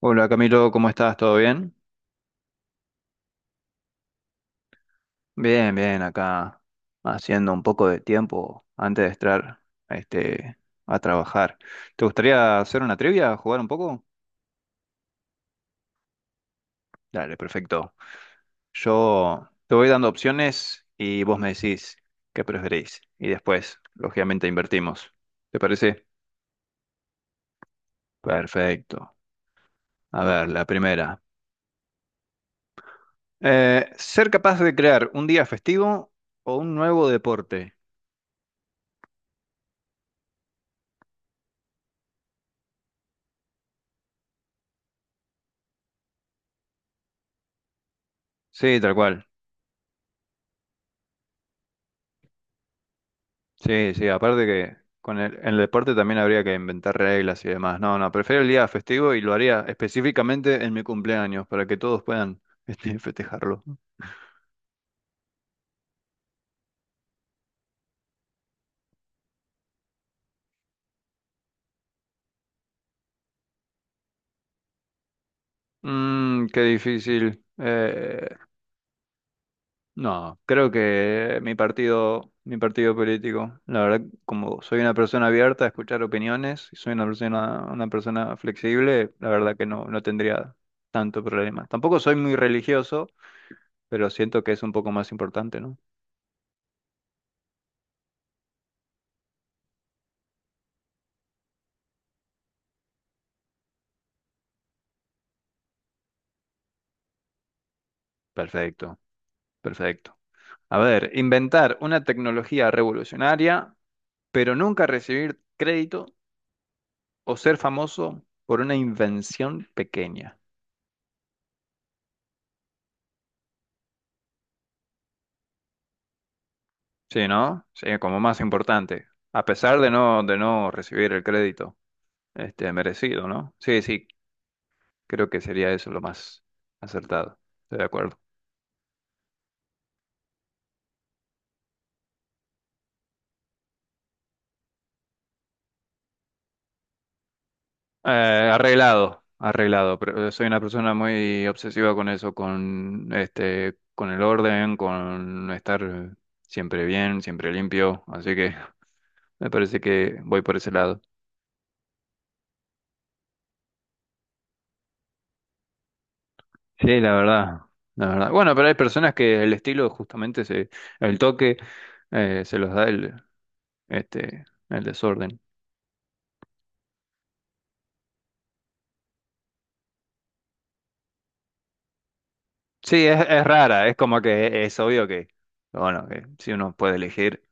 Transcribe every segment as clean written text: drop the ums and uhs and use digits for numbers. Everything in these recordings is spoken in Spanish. Hola Camilo, ¿cómo estás? ¿Todo bien? Bien, bien, acá haciendo un poco de tiempo antes de entrar este, a trabajar. ¿Te gustaría hacer una trivia, jugar un poco? Dale, perfecto. Yo te voy dando opciones y vos me decís qué preferís. Y después, lógicamente, invertimos. ¿Te parece? Perfecto. A ver, la primera. ¿Ser capaz de crear un día festivo o un nuevo deporte? Sí, tal cual. Sí, sí, aparte que en el deporte también habría que inventar reglas y demás. No, no, prefiero el día festivo y lo haría específicamente en mi cumpleaños para que todos puedan festejarlo. Mm, qué difícil. No, creo que mi partido político, la verdad, como soy una persona abierta a escuchar opiniones y soy una persona flexible, la verdad que no, no tendría tanto problema. Tampoco soy muy religioso, pero siento que es un poco más importante, ¿no? Perfecto. Perfecto. A ver, inventar una tecnología revolucionaria, pero nunca recibir crédito o ser famoso por una invención pequeña. Sí, ¿no? Sí, como más importante. A pesar de no recibir el crédito, merecido, ¿no? Sí, sí, creo que sería eso lo más acertado. Estoy de acuerdo. Eh, arreglado, arreglado. Pero soy una persona muy obsesiva con eso, con el orden, con estar siempre bien, siempre limpio. Así que me parece que voy por ese lado. Sí, la verdad, la verdad. Bueno, pero hay personas que el toque se los da este, el desorden. Sí, es rara. Es como que es obvio que, bueno, que si uno puede elegir.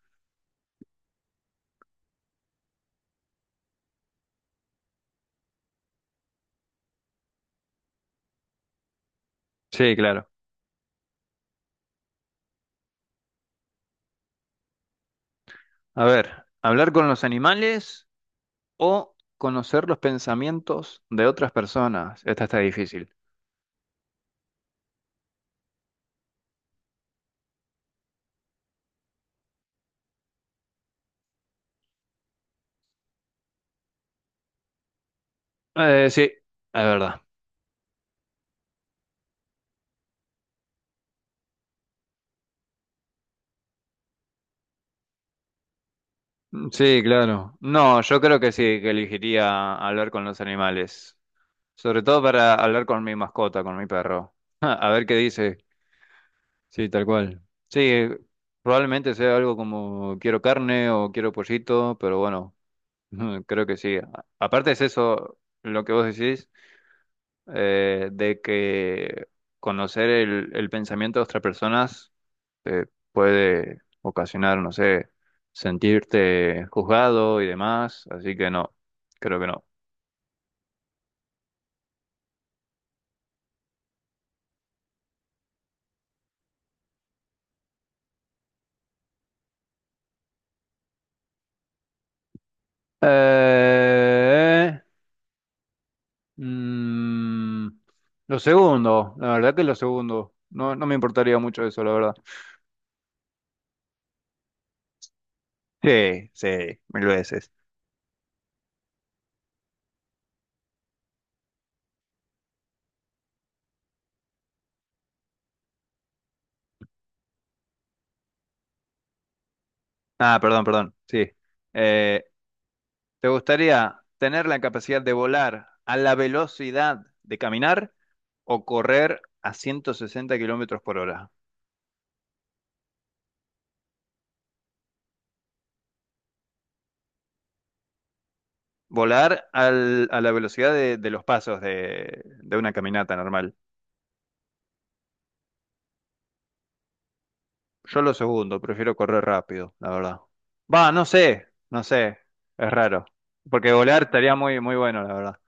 Sí, claro. A ver, hablar con los animales o conocer los pensamientos de otras personas. Esta está difícil. Sí, es verdad. Sí, claro. No, yo creo que sí, que elegiría hablar con los animales. Sobre todo para hablar con mi mascota, con mi perro. A ver qué dice. Sí, tal cual. Sí, probablemente sea algo como quiero carne o quiero pollito, pero bueno, creo que sí. Aparte es eso lo que vos decís, de que conocer el pensamiento de otras personas te puede ocasionar, no sé, sentirte juzgado y demás, así que no, creo que no. Eh, mm, lo segundo, la verdad que lo segundo, no, no me importaría mucho eso, la verdad. Sí, sí, mil veces. Ah, perdón, perdón, sí. Eh, ¿Te gustaría tener la capacidad de volar a la velocidad de caminar o correr a 160 kilómetros por hora? Volar a la velocidad de los pasos de una caminata normal. Yo lo segundo, prefiero correr rápido, la verdad. Va, no sé, no sé, es raro. Porque volar estaría muy, muy bueno, la verdad.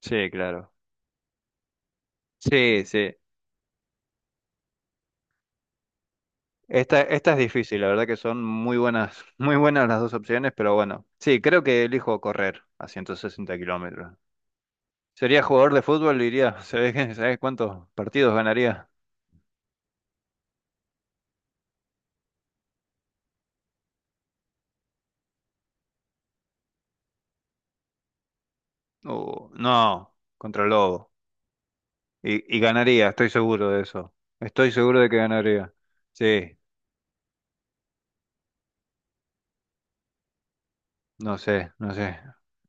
Sí, claro. Sí, sí. Esta es difícil, la verdad que son muy buenas, muy buenas las dos opciones, pero bueno. Sí, creo que elijo correr a 160 kilómetros. Sería jugador de fútbol, diría. ¿Sabés, sabés cuántos partidos ganaría? No, contra el Lobo. Y ganaría, estoy seguro de eso. Estoy seguro de que ganaría. Sí, no sé, no sé.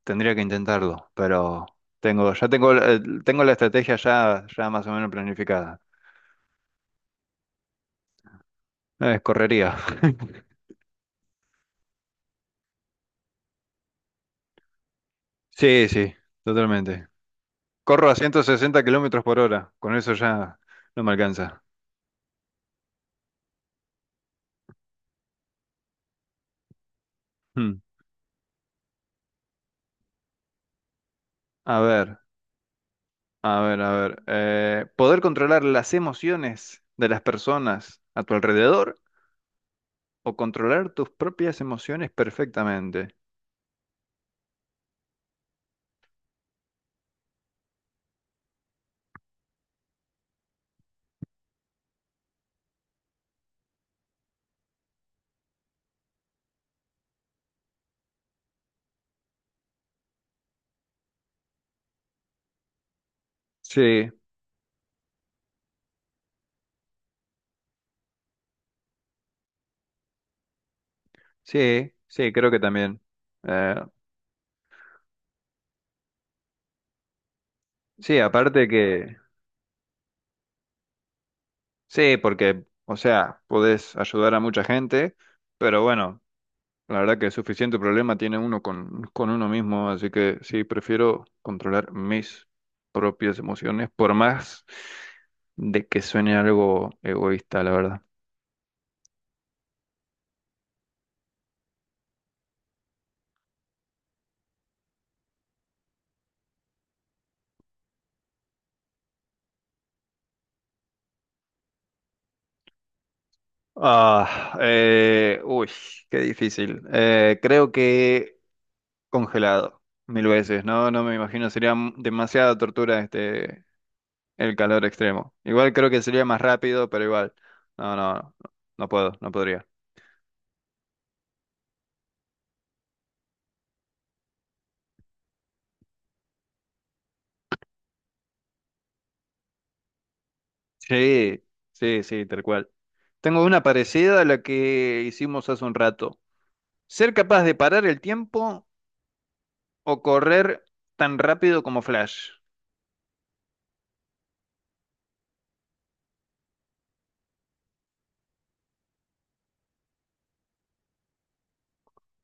Tendría que intentarlo, pero ya tengo, tengo la estrategia ya más o menos planificada. Correría. Sí, sí, totalmente. Corro a 160 kilómetros por hora. Con eso ya no me alcanza. Hmm. A ver, a ver. ¿Poder controlar las emociones de las personas a tu alrededor o controlar tus propias emociones perfectamente? Sí, sí, sí, creo que también. Eh, sí, aparte que, sí, porque, o sea, podés ayudar a mucha gente, pero bueno, la verdad que suficiente problema tiene uno con uno mismo, así que sí, prefiero controlar mis propias emociones, por más de que suene algo egoísta, la verdad. Ah, eh, uy, qué difícil. Creo que congelado, mil veces, ¿no? No me imagino, sería demasiada tortura el calor extremo. Igual creo que sería más rápido, pero igual. No, no, no, no puedo, no podría. Sí, sí, sí, tal cual. Tengo una parecida a la que hicimos hace un rato. Ser capaz de parar el tiempo o correr tan rápido como Flash.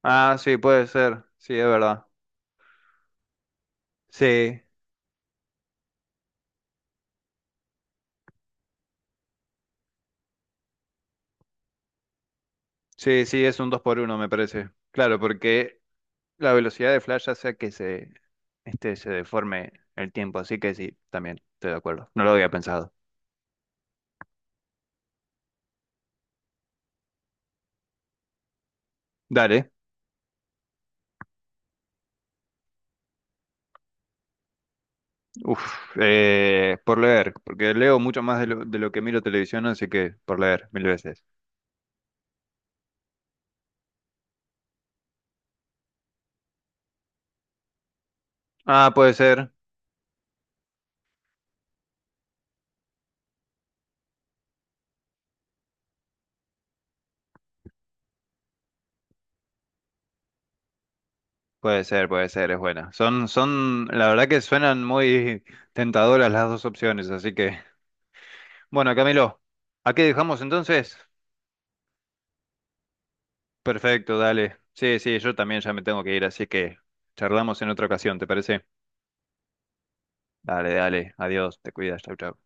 Ah, sí, puede ser. Sí, es verdad. Sí, sí, sí, es un 2 por uno me parece. Claro, porque la velocidad de Flash hace que se deforme el tiempo. Así que sí, también estoy de acuerdo. No lo había pensado. Dale. Uf, por leer, porque leo mucho más de lo que miro televisión, así que por leer mil veces. Ah, puede ser, es buena. Son, son, la verdad que suenan muy tentadoras las dos opciones, así que. Bueno, Camilo, ¿a qué dejamos entonces? Perfecto, dale. Sí, sí, yo también ya me tengo que ir, así que charlamos en otra ocasión, ¿te parece? Dale, dale, adiós, te cuidas, chau, chau.